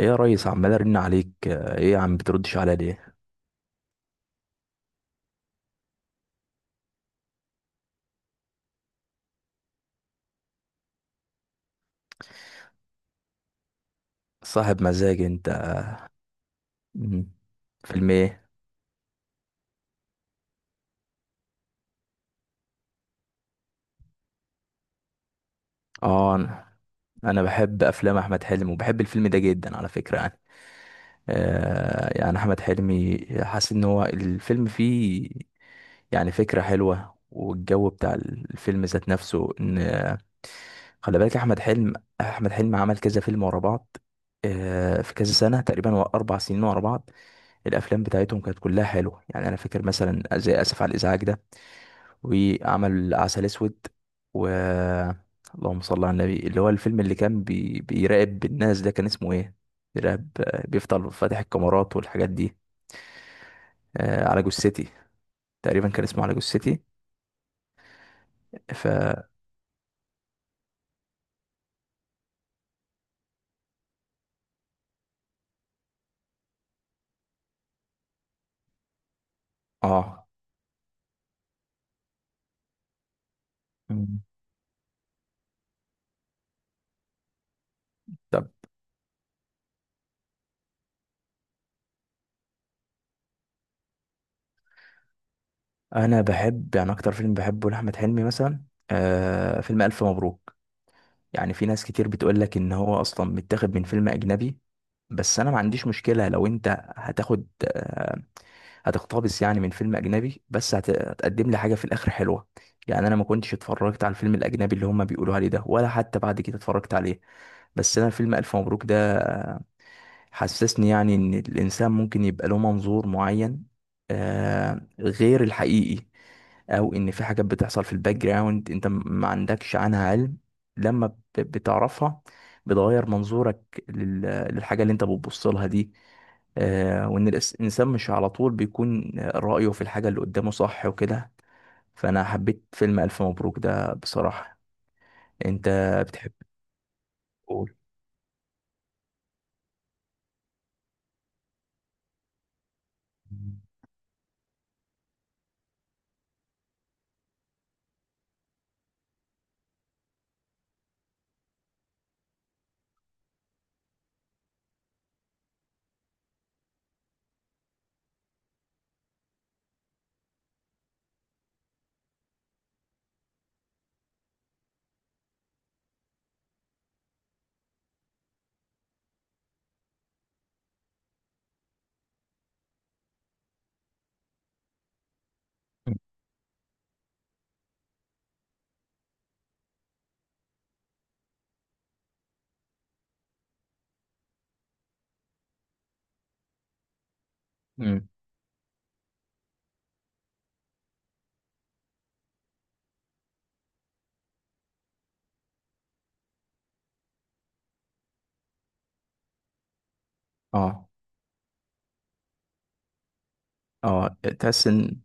ايه يا ريس؟ عمال ارن عليك، ايه يا عم بتردش عليا ليه؟ صاحب مزاج انت. مم. فيلم ايه؟ اه، أنا بحب افلام احمد حلمي وبحب الفيلم ده جدا على فكرة يعني. يعني احمد حلمي حاسس ان هو الفيلم فيه، يعني فكرة حلوة، والجو بتاع الفيلم ذات نفسه. ان خلي بالك احمد حلمي عمل كذا فيلم ورا بعض، في كذا سنة تقريبا، هو 4 سنين ورا بعض. الافلام بتاعتهم كانت كلها حلوة، يعني انا فاكر مثلا زي اسف على الازعاج ده، وعمل عسل اسود و... اللهم صل على النبي، اللي هو الفيلم اللي كان بيراقب الناس ده، كان اسمه ايه؟ بيراقب، بيفضل فاتح الكاميرات والحاجات دي. على جثتي، تقريبا كان اسمه على جثتي. ف. اه. مم. طب انا بحب يعني اكتر فيلم بحبه لاحمد حلمي مثلا فيلم الف مبروك. يعني في ناس كتير بتقول لك ان هو اصلا متاخد من فيلم اجنبي، بس انا ما عنديش مشكلة لو انت هتاخد، هتقتبس يعني من فيلم اجنبي، بس هتقدم لي حاجه في الاخر حلوه. يعني انا ما كنتش اتفرجت على الفيلم الاجنبي اللي هم بيقولوا عليه ده، ولا حتى بعد كده اتفرجت عليه. بس انا فيلم الف مبروك ده حسسني يعني ان الانسان ممكن يبقى له منظور معين، غير الحقيقي، او ان في حاجات بتحصل في الباك جراوند انت ما عندكش عنها علم. لما بتعرفها بتغير منظورك للحاجة اللي انت بتبص لها دي. وان الانسان مش على طول بيكون رأيه في الحاجة اللي قدامه صح، وكده. فانا حبيت فيلم الف مبروك ده بصراحة. انت بتحب تقول. مم. اه. اه. تحس ان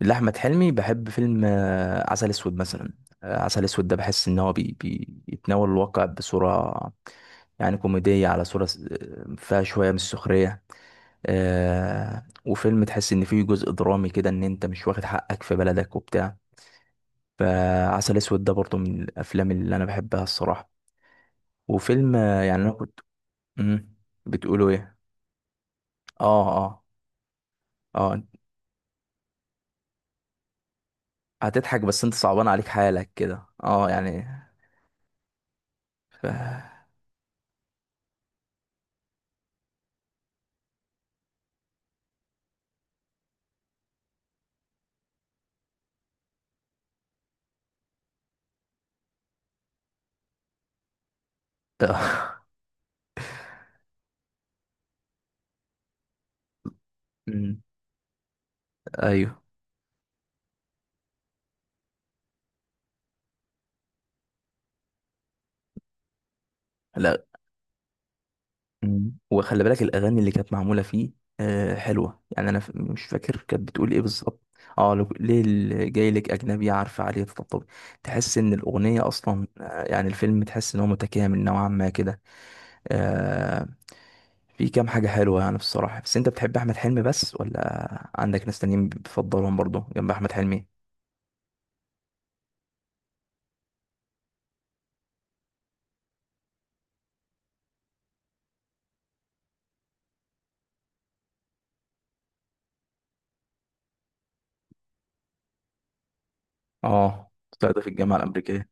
لأحمد حلمي بحب فيلم عسل أسود مثلا. عسل أسود ده بحس إن هو بيتناول الواقع بصورة يعني كوميدية، على صورة فيها شوية من السخرية. وفيلم تحس إن فيه جزء درامي كده، إن أنت مش واخد حقك في بلدك وبتاع. فعسل أسود ده برضه من الأفلام اللي أنا بحبها الصراحة. وفيلم يعني أنا كنت... مم، بتقولوا إيه؟ آه، آه. آه هتضحك بس أنت صعبان عليك حالك كده، يعني. ف... مم. ايوه. لا. مم. وخلي بالك الاغاني اللي كانت معموله فيه حلوه، يعني انا مش فاكر كانت بتقول ايه بالظبط. اه، لو ليه جاي لك اجنبي عارفه عليه تطبطب. تحس ان الاغنيه اصلا، يعني الفيلم تحس ان هو متكامل نوعا ما كده. آه في كام حاجه حلوه يعني بصراحه، بس انت بتحب احمد حلمي بس، ولا عندك ناس تانيين بتفضلهم برضه جنب احمد حلمي؟ اه. طلعت في الجامعه الامريكيه.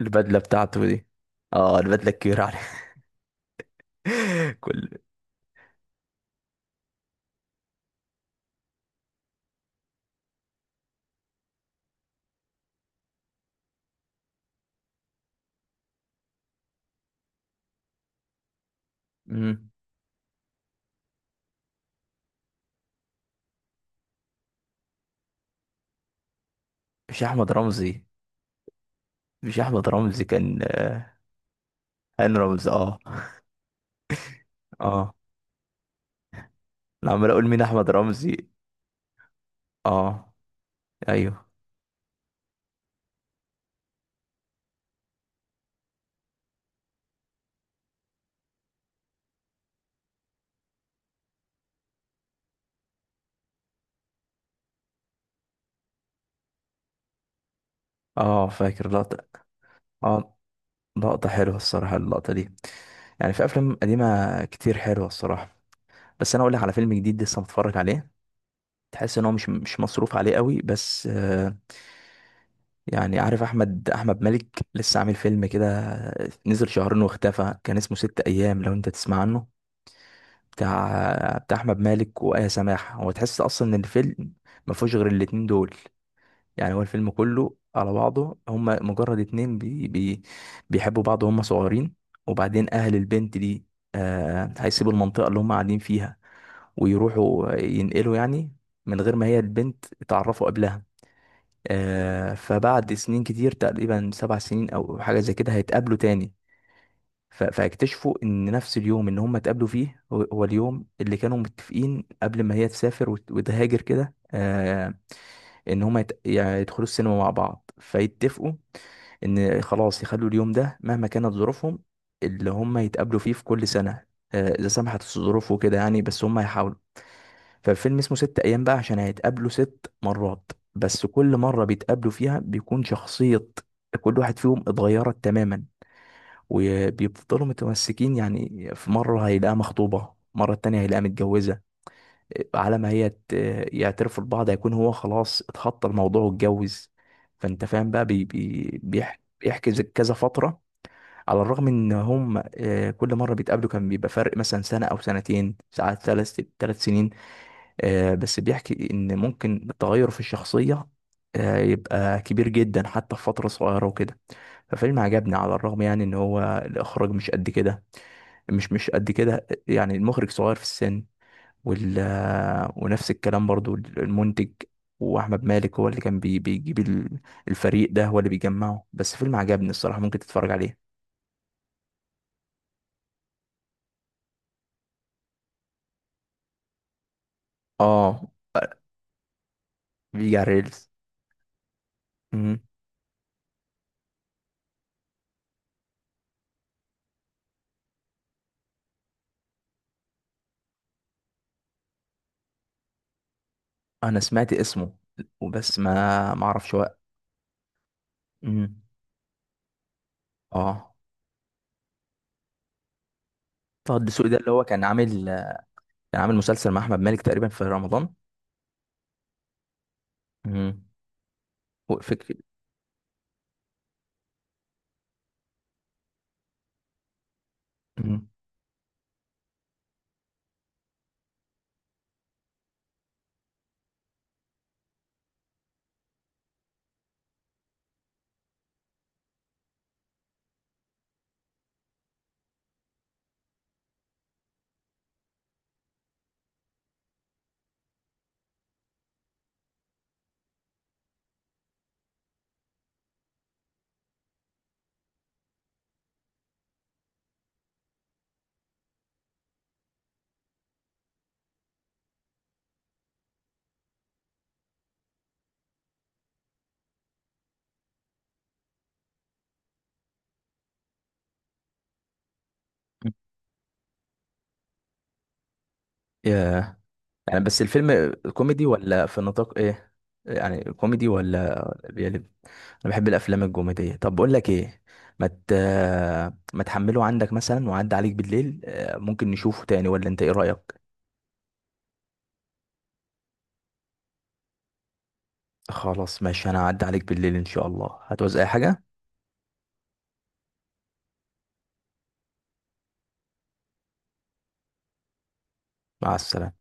البدله بتاعته دي، اه البدله الكبيره عليه. كل. مم. مش احمد رمزي. مش احمد رمزي، كان هاني رمزي. اه، اه. انا عمال اقول مين احمد رمزي. اه. ايوه. اه. فاكر لقطة. اه، لقطة حلوة الصراحة اللقطة دي. يعني في افلام قديمة كتير حلوة الصراحة. بس انا اقول لك على فيلم جديد لسه متفرج عليه، تحس ان هو مش مصروف عليه قوي، بس يعني. عارف احمد مالك؟ لسه عامل فيلم كده، نزل شهرين واختفى، كان اسمه 6 ايام لو انت تسمع عنه. بتاع احمد مالك وآية سماحة. هو تحس اصلا ان الفيلم ما فيهوش غير الاتنين دول. يعني هو الفيلم كله على بعضه هما مجرد اتنين، بي بي بيحبوا بعض وهم صغيرين. وبعدين اهل البنت دي هيسيبوا المنطقة اللي هما قاعدين فيها ويروحوا ينقلوا يعني، من غير ما هي البنت اتعرفوا قبلها. فبعد سنين كتير، تقريبا 7 سنين او حاجة زي كده، هيتقابلوا تاني. فاكتشفوا ان نفس اليوم ان هم اتقابلوا فيه، هو هو اليوم اللي كانوا متفقين قبل ما هي تسافر وتهاجر كده، ان هم يعني يدخلوا السينما مع بعض فيتفقوا ان خلاص يخلوا اليوم ده، مهما كانت ظروفهم، اللي هم يتقابلوا فيه في كل سنة، اذا سمحت الظروف وكده يعني، بس هم هيحاولوا. فالفيلم اسمه 6 ايام بقى عشان هيتقابلوا 6 مرات، بس كل مرة بيتقابلوا فيها بيكون شخصية كل واحد فيهم اتغيرت تماما، وبيفضلوا متمسكين. يعني في مرة هيلاقيها مخطوبة، مرة تانية هيلاقيها متجوزة، على ما هي يعترفوا لبعض هيكون هو خلاص اتخطى الموضوع واتجوز. فانت فاهم بقى، بي بي بيحجز كذا فترة، على الرغم ان هم كل مرة بيتقابلوا كان بيبقى فرق مثلا سنة او سنتين ساعات ثلاث سنين، بس بيحكي ان ممكن التغير في الشخصية يبقى كبير جدا حتى في فترة صغيرة وكده. ففيلم عجبني على الرغم يعني ان هو الاخراج مش قد كده، مش قد كده، يعني المخرج صغير في السن، وال ونفس الكلام برضو المنتج. واحمد مالك هو اللي كان بيجيب الفريق ده، هو اللي بيجمعه، بس فيلم عجبني الصراحة ممكن تتفرج عليه. اه، بيجي على الريلز. مم. انا سمعت اسمه وبس، ما اعرفش هو. مم. اه، طه الدسوقي ده اللي هو كان عامل مسلسل مع احمد مالك تقريبا في رمضان. امم. وفكر. امم. يعني بس الفيلم كوميدي ولا في نطاق ايه؟ يعني كوميدي ولا بيقلب؟ انا بحب الافلام الكوميديه. طب بقول لك ايه، ما مت... ما تحمله عندك مثلا وعدى عليك بالليل، ممكن نشوفه تاني ولا انت ايه رايك؟ خلاص ماشي، انا هعدي عليك بالليل ان شاء الله، هتعوز اي حاجه؟ مع السلامه.